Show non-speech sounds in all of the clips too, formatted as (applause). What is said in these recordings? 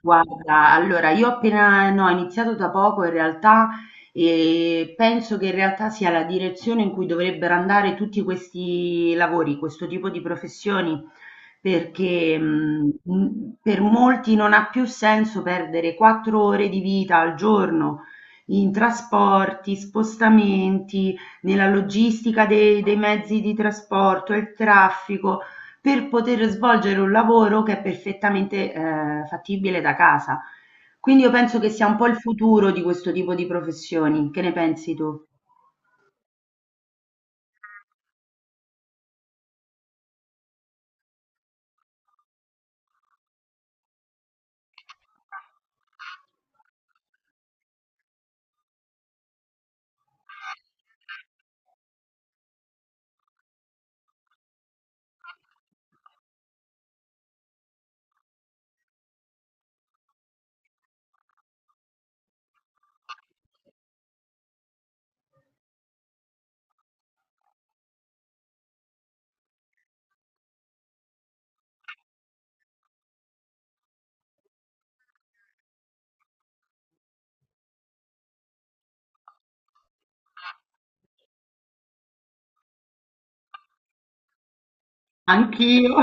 Guarda, allora io appena no, ho iniziato da poco in realtà e penso che in realtà sia la direzione in cui dovrebbero andare tutti questi lavori, questo tipo di professioni, perché per molti non ha più senso perdere 4 ore di vita al giorno in trasporti, spostamenti, nella logistica dei mezzi di trasporto, il traffico per poter svolgere un lavoro che è perfettamente, fattibile da casa. Quindi io penso che sia un po' il futuro di questo tipo di professioni. Che ne pensi tu? Anch'io. (laughs)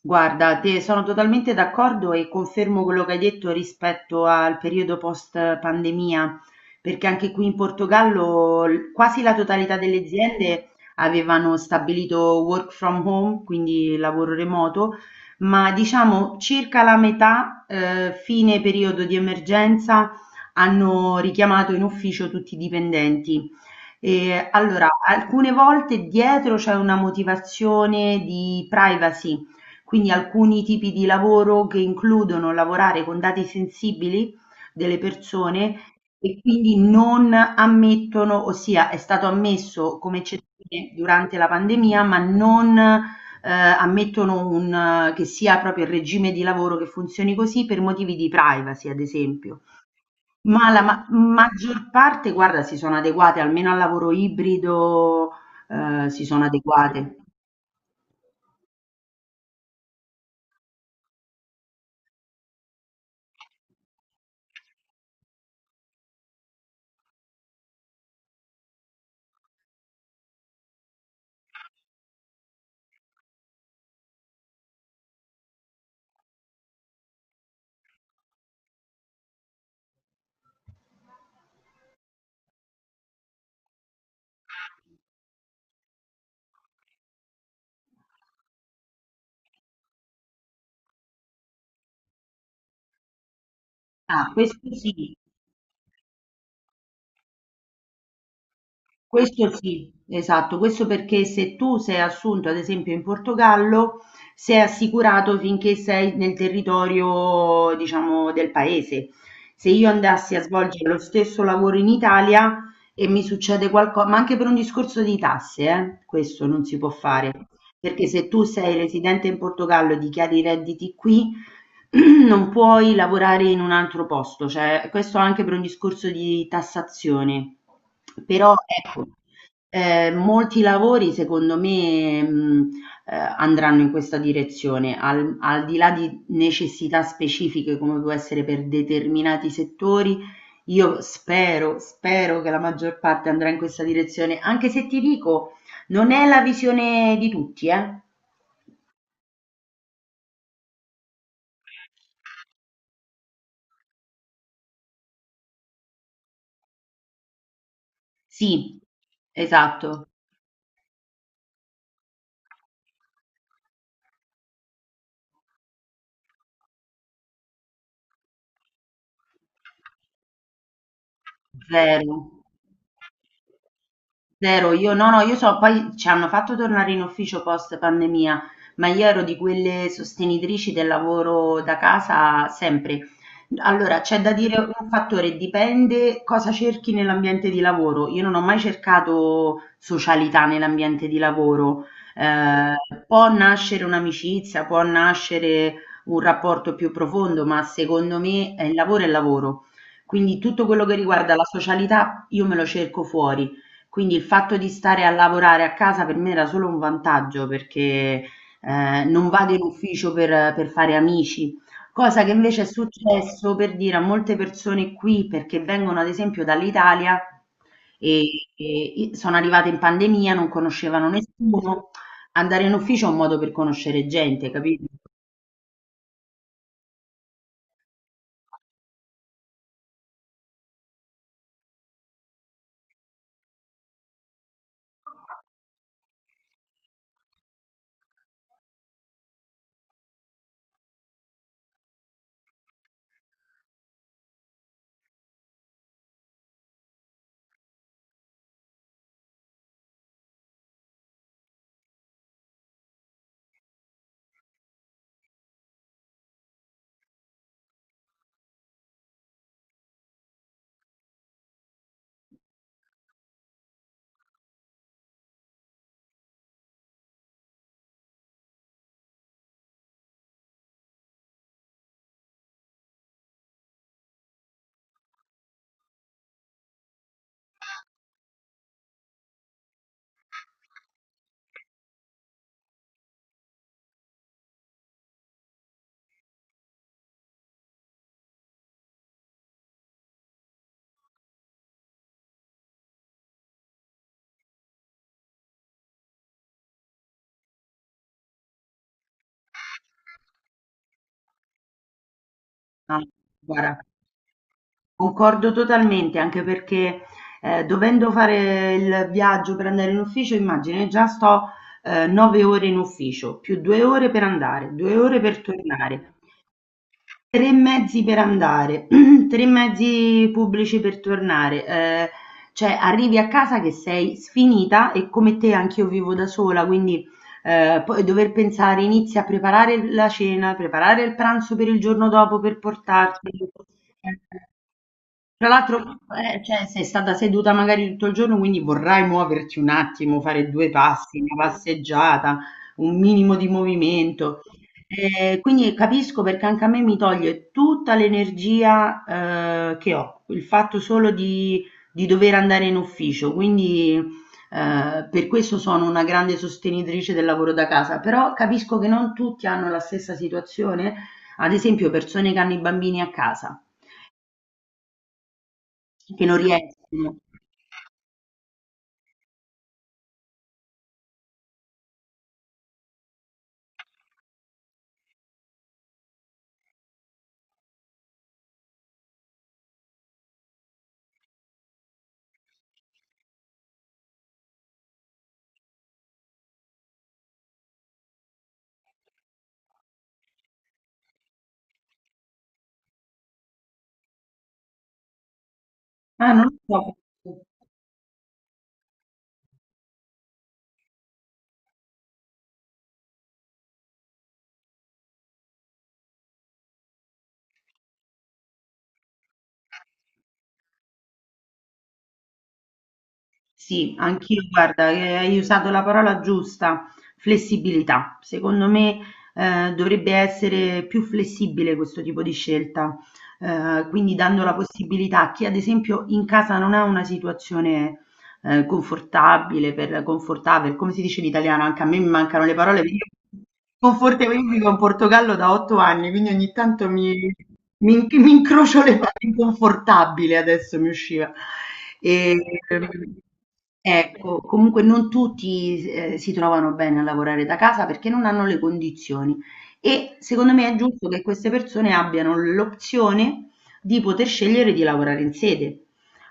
Guarda, te sono totalmente d'accordo e confermo quello che hai detto rispetto al periodo post pandemia, perché anche qui in Portogallo quasi la totalità delle aziende avevano stabilito work from home, quindi lavoro remoto, ma diciamo circa la metà, fine periodo di emergenza, hanno richiamato in ufficio tutti i dipendenti. Allora, alcune volte dietro c'è una motivazione di privacy, quindi alcuni tipi di lavoro che includono lavorare con dati sensibili delle persone e quindi non ammettono, ossia è stato ammesso come eccezione durante la pandemia, ma non, ammettono un che sia proprio il regime di lavoro che funzioni così per motivi di privacy, ad esempio. Ma la maggior parte, guarda, si sono adeguate, almeno al lavoro ibrido, si sono adeguate. Ah, questo sì. Questo sì, esatto, questo perché se tu sei assunto, ad esempio in Portogallo, sei assicurato finché sei nel territorio, diciamo, del paese. Se io andassi a svolgere lo stesso lavoro in Italia e mi succede qualcosa, ma anche per un discorso di tasse, questo non si può fare, perché se tu sei residente in Portogallo e dichiari i redditi qui, (clears throat) non puoi lavorare in un altro posto, cioè questo anche per un discorso di tassazione. Però ecco, molti lavori secondo me, andranno in questa direzione, al di là di necessità specifiche come può essere per determinati settori, io spero, spero che la maggior parte andrà in questa direzione, anche se ti dico, non è la visione di tutti, eh. Sì, esatto, vero. Zero, io no, no, io so poi ci hanno fatto tornare in ufficio post pandemia, ma io ero di quelle sostenitrici del lavoro da casa sempre. Allora, c'è da dire un fattore, dipende cosa cerchi nell'ambiente di lavoro. Io non ho mai cercato socialità nell'ambiente di lavoro. Può nascere un'amicizia, può nascere un rapporto più profondo, ma secondo me il lavoro è lavoro. Quindi tutto quello che riguarda la socialità io me lo cerco fuori. Quindi il fatto di stare a lavorare a casa per me era solo un vantaggio perché, non vado in ufficio per fare amici, cosa che invece è successo, per dire, a molte persone qui, perché vengono ad esempio dall'Italia e e i sono arrivate in pandemia, non conoscevano nessuno. Andare in ufficio è un modo per conoscere gente, capito? Ah, guarda, concordo totalmente, anche perché dovendo fare il viaggio per andare in ufficio, immagini, già sto 9 ore in ufficio, più 2 ore per andare, 2 ore per tornare, tre mezzi per andare, (clears throat) tre mezzi pubblici per tornare. Cioè arrivi a casa che sei sfinita e come te anch'io vivo da sola, quindi poi dover pensare, inizi a preparare la cena, preparare il pranzo per il giorno dopo per portarti. Tra l'altro, cioè, sei stata seduta magari tutto il giorno, quindi vorrai muoverti un attimo, fare due passi, una passeggiata, un minimo di movimento. Quindi capisco perché anche a me mi toglie tutta l'energia, che ho, il fatto solo di dover andare in ufficio. Quindi, per questo sono una grande sostenitrice del lavoro da casa, però capisco che non tutti hanno la stessa situazione, ad esempio persone che hanno i bambini a casa, che non riescono. Ah, non lo so. Sì, anch'io, guarda, hai usato la parola giusta, flessibilità. Secondo me, dovrebbe essere più flessibile questo tipo di scelta, quindi dando la possibilità a chi, ad esempio, in casa non ha una situazione confortabile, per confortable, come si dice in italiano? Anche a me mi mancano le parole, perché io confortevole, io vivo in Portogallo da 8 anni, quindi ogni tanto mi incrocio le parole, inconfortabile adesso mi usciva. E, Ecco, comunque non tutti si trovano bene a lavorare da casa perché non hanno le condizioni e secondo me è giusto che queste persone abbiano l'opzione di poter scegliere di lavorare in sede.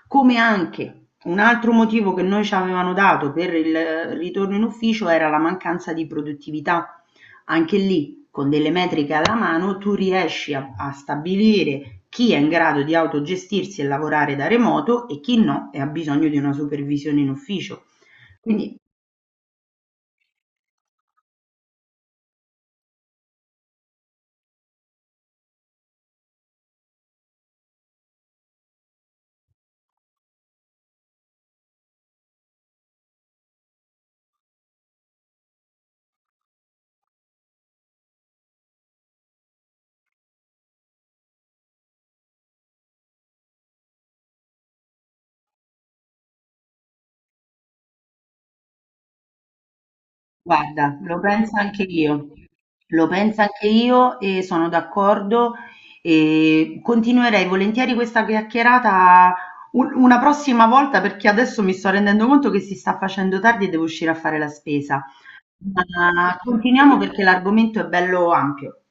Come anche un altro motivo che noi ci avevano dato per il ritorno in ufficio era la mancanza di produttività. Anche lì, con delle metriche alla mano, tu riesci a, a stabilire chi è in grado di autogestirsi e lavorare da remoto e chi no e ha bisogno di una supervisione in ufficio. Quindi guarda, lo penso anche io, lo penso anche io e sono d'accordo e continuerei volentieri questa chiacchierata una prossima volta perché adesso mi sto rendendo conto che si sta facendo tardi e devo uscire a fare la spesa. Ma continuiamo perché l'argomento è bello ampio.